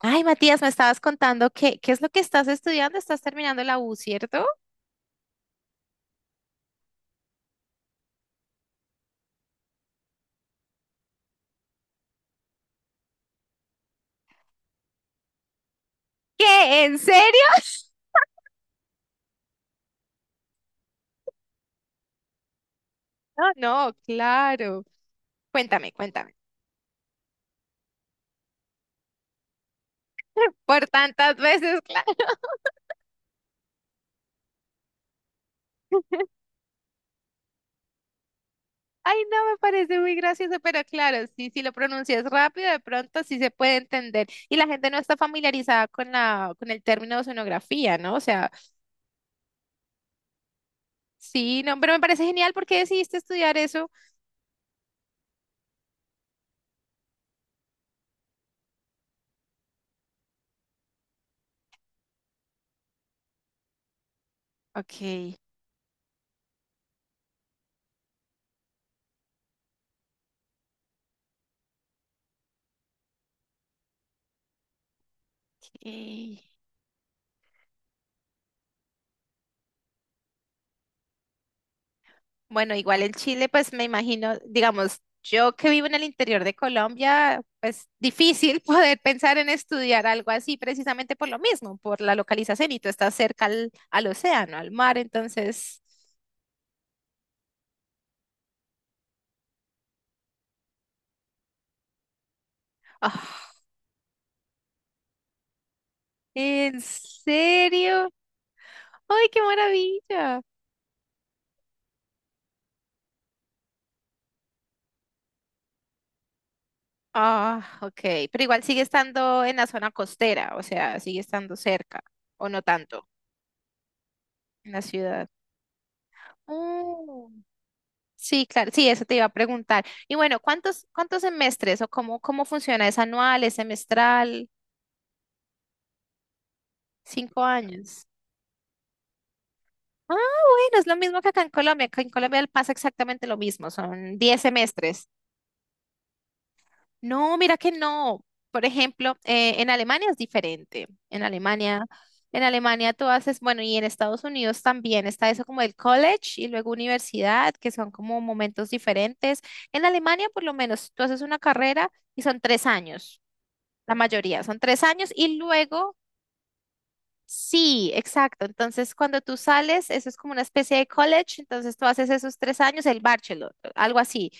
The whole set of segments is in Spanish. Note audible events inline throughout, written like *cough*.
Ay, Matías, me estabas contando qué es lo que estás estudiando. Estás terminando la U, ¿cierto? ¿Qué? ¿En serio? *laughs* No, no, claro. Cuéntame, cuéntame. Por tantas veces, *laughs* claro. Ay, no, me parece muy gracioso, pero claro, sí, si lo pronuncias rápido, de pronto sí se puede entender. Y la gente no está familiarizada con con el término de sonografía, ¿no? O sea, sí, no, pero me parece genial porque decidiste estudiar eso. Ok, ok. Bueno, igual en Chile, pues me imagino, digamos, yo que vivo en el interior de Colombia, pues difícil *laughs* poder pensar en estudiar algo así precisamente por lo mismo, por la localización y tú estás cerca al océano, al mar, entonces, ah, ¿en serio? ¡Ay, qué maravilla! Ah, ok, pero igual sigue estando en la zona costera, o sea, sigue estando cerca, o no tanto, en la ciudad. Sí, claro, sí, eso te iba a preguntar. Y bueno, ¿cuántos, cuántos semestres o cómo, cómo funciona? ¿Es anual, es semestral? ¿Cinco años? Ah, bueno, es lo mismo que acá en Colombia. Acá en Colombia pasa exactamente lo mismo, son diez semestres. No, mira que no. Por ejemplo, en Alemania es diferente. En Alemania tú haces, bueno, y en Estados Unidos también está eso como el college y luego universidad, que son como momentos diferentes. En Alemania, por lo menos, tú haces una carrera y son tres años. La mayoría son tres años y luego, sí, exacto. Entonces, cuando tú sales, eso es como una especie de college, entonces tú haces esos tres años, el bachelor, algo así.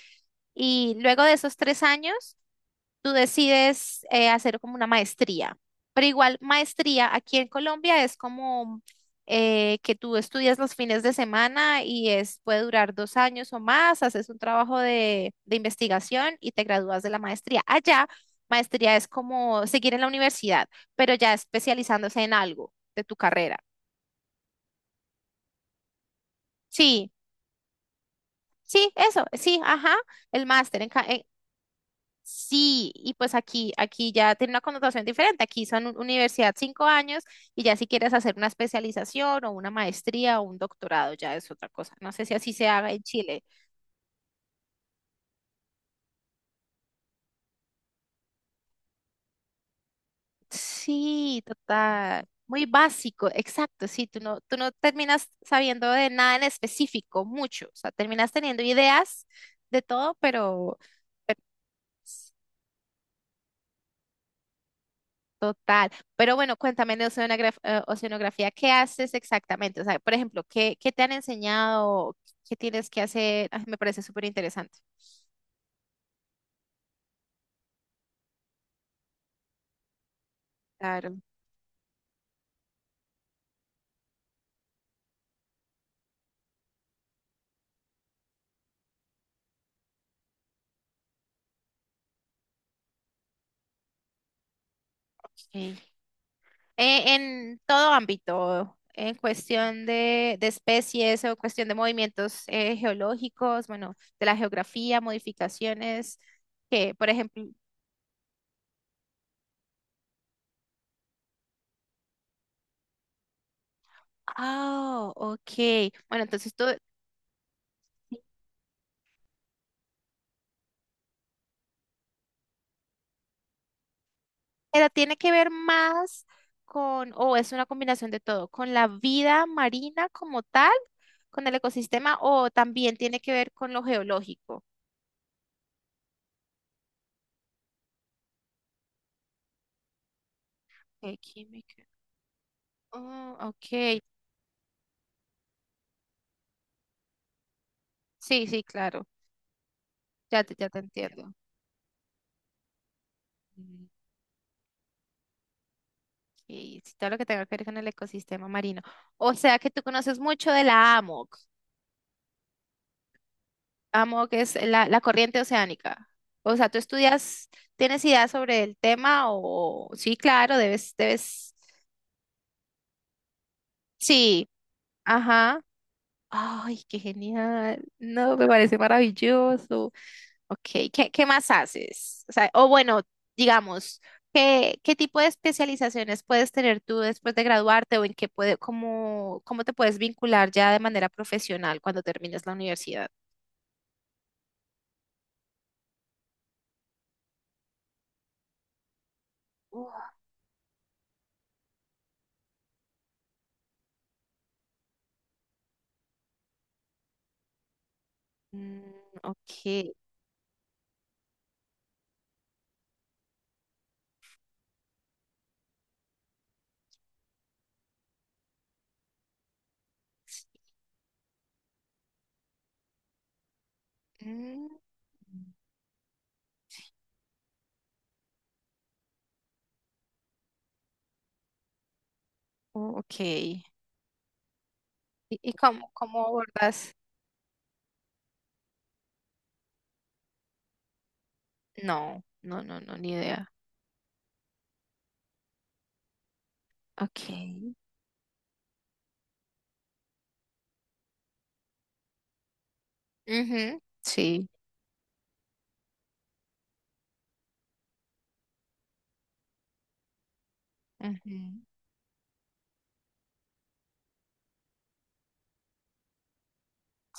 Y luego de esos tres años, tú decides hacer como una maestría. Pero igual, maestría aquí en Colombia es como que tú estudias los fines de semana y es, puede durar dos años o más, haces un trabajo de investigación y te gradúas de la maestría. Allá, maestría es como seguir en la universidad, pero ya especializándose en algo de tu carrera. Sí, sí, eso, sí, ajá, el máster. Sí, y pues aquí, aquí ya tiene una connotación diferente. Aquí son universidad cinco años y ya si quieres hacer una especialización o una maestría o un doctorado, ya es otra cosa. No sé si así se haga en Chile. Sí, total. Muy básico, exacto. Sí, tú no terminas sabiendo de nada en específico, mucho. O sea, terminas teniendo ideas de todo, pero. Total. Pero bueno, cuéntame de oceanografía, ¿qué haces exactamente? O sea, por ejemplo, ¿qué, qué te han enseñado? ¿Qué tienes que hacer? Ay, me parece súper interesante. Claro, ok. En todo ámbito, en cuestión de especies o cuestión de movimientos geológicos, bueno, de la geografía, modificaciones, que, por ejemplo, ah, ok. Bueno, entonces tú, pero tiene que ver más con, o es una combinación de todo, con la vida marina como tal, con el ecosistema, o también tiene que ver con lo geológico. Ok, química. Oh, ok. Sí, sí, claro. Ya te entiendo. Mm, y sí, todo lo que tenga que ver con el ecosistema marino. O sea que tú conoces mucho de la AMOC. AMOC es la corriente oceánica. O sea, tú estudias, ¿tienes idea sobre el tema? O sí, claro, debes, debes. Sí, ajá. Ay, qué genial. No, me parece maravilloso. Ok, ¿qué, qué más haces? O sea, o bueno, digamos, ¿qué, qué tipo de especializaciones puedes tener tú después de graduarte o en qué puede, cómo, cómo te puedes vincular ya de manera profesional cuando termines la universidad? Mm, ok. Mm, oh, ok. Y cómo, cómo abordas? No, no, no, no, ni idea. Ok. Ujú, sí. Ujú,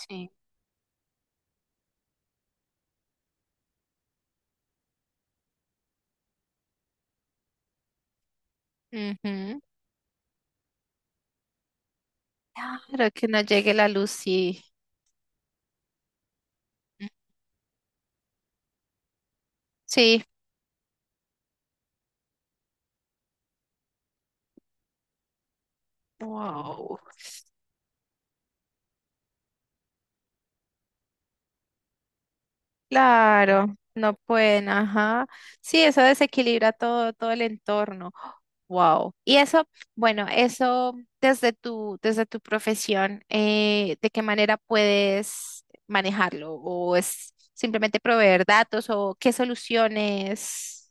sí. Ujú. Claro, que no llegue la luz, sí. Sí. Wow. Claro, no pueden, ajá. Sí, eso desequilibra todo, todo el entorno. Wow. Y eso, bueno, eso desde desde tu profesión, ¿de qué manera puedes manejarlo? ¿O es simplemente proveer datos o qué soluciones?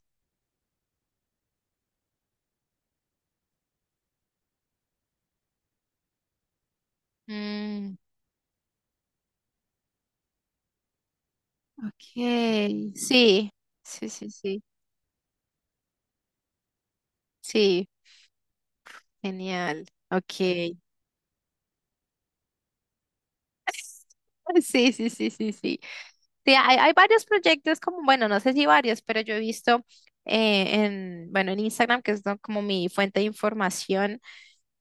Mm, ok. Sí, sí, sí, sí. Sí, genial. Ok. Sí, sí, sí, sí, sí. Sí, hay varios proyectos como, bueno, no sé si varios, pero yo he visto bueno, en Instagram, que es como mi fuente de información,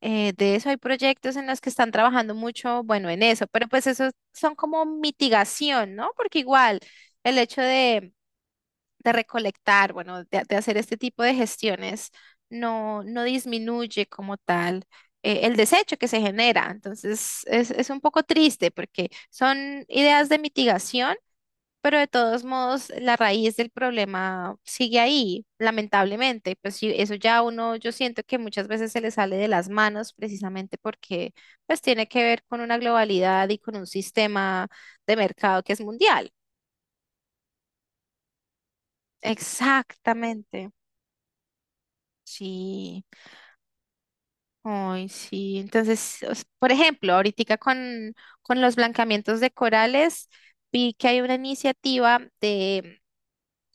de eso hay proyectos en los que están trabajando mucho, bueno, en eso, pero pues esos son como mitigación, ¿no? Porque igual el hecho de recolectar, bueno, de hacer este tipo de gestiones, no disminuye como tal el desecho que se genera. Entonces, es un poco triste porque son ideas de mitigación, pero de todos modos, la raíz del problema sigue ahí, lamentablemente. Pues sí, eso ya uno, yo siento que muchas veces se le sale de las manos precisamente porque pues tiene que ver con una globalidad y con un sistema de mercado que es mundial. Exactamente. Sí. Ay, sí. Entonces, por ejemplo, ahorita con los blancamientos de corales, vi que hay una iniciativa de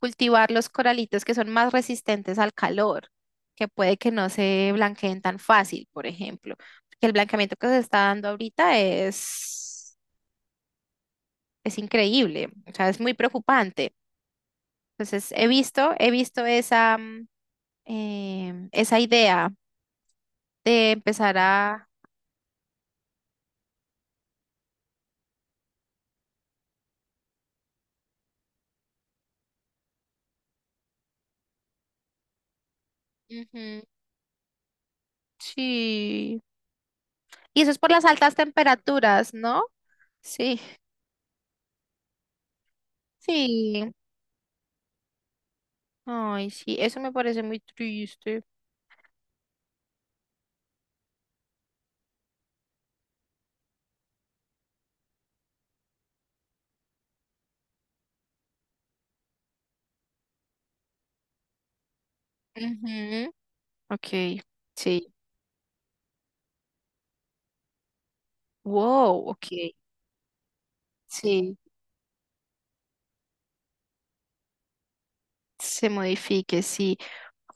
cultivar los coralitos que son más resistentes al calor, que puede que no se blanqueen tan fácil, por ejemplo. Porque el blanqueamiento que se está dando ahorita es increíble, o sea, es muy preocupante. Entonces, he visto esa idea de empezar a... Ujú, sí. Y eso es por las altas temperaturas, ¿no? Sí, sí. Ay, sí, eso me parece muy triste. Ujú, ok, sí. Wow, ok. Sí, se modifique, sí.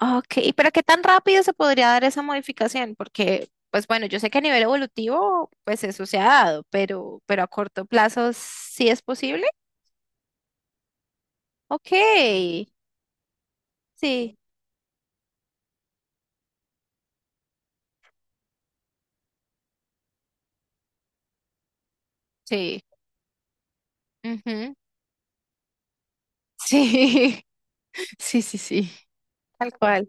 Ok, pero ¿qué tan rápido se podría dar esa modificación? Porque, pues bueno, yo sé que a nivel evolutivo, pues eso se ha dado, pero a corto plazo sí es posible. Ok, sí, sí. Ujú, sí, *laughs* sí, sí, sí. Tal cual.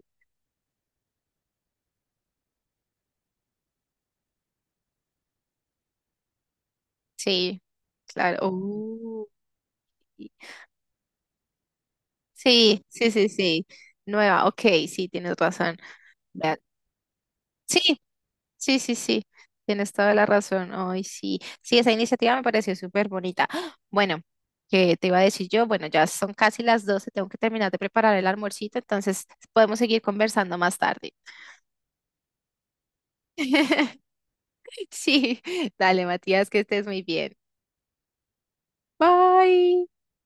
Sí. Claro. Oh. Sí, sí, sí, sí. Nueva, ok, sí, tienes razón. Vea- Sí, sí, sí, sí. Tienes toda la razón. Ay, sí. Sí, esa iniciativa me pareció súper bonita. ¡Ah! Bueno, qué te iba a decir yo, bueno, ya son casi las 12, tengo que terminar de preparar el almuercito, entonces podemos seguir conversando más tarde. *laughs* Sí, dale, Matías, que estés muy bien. Bye.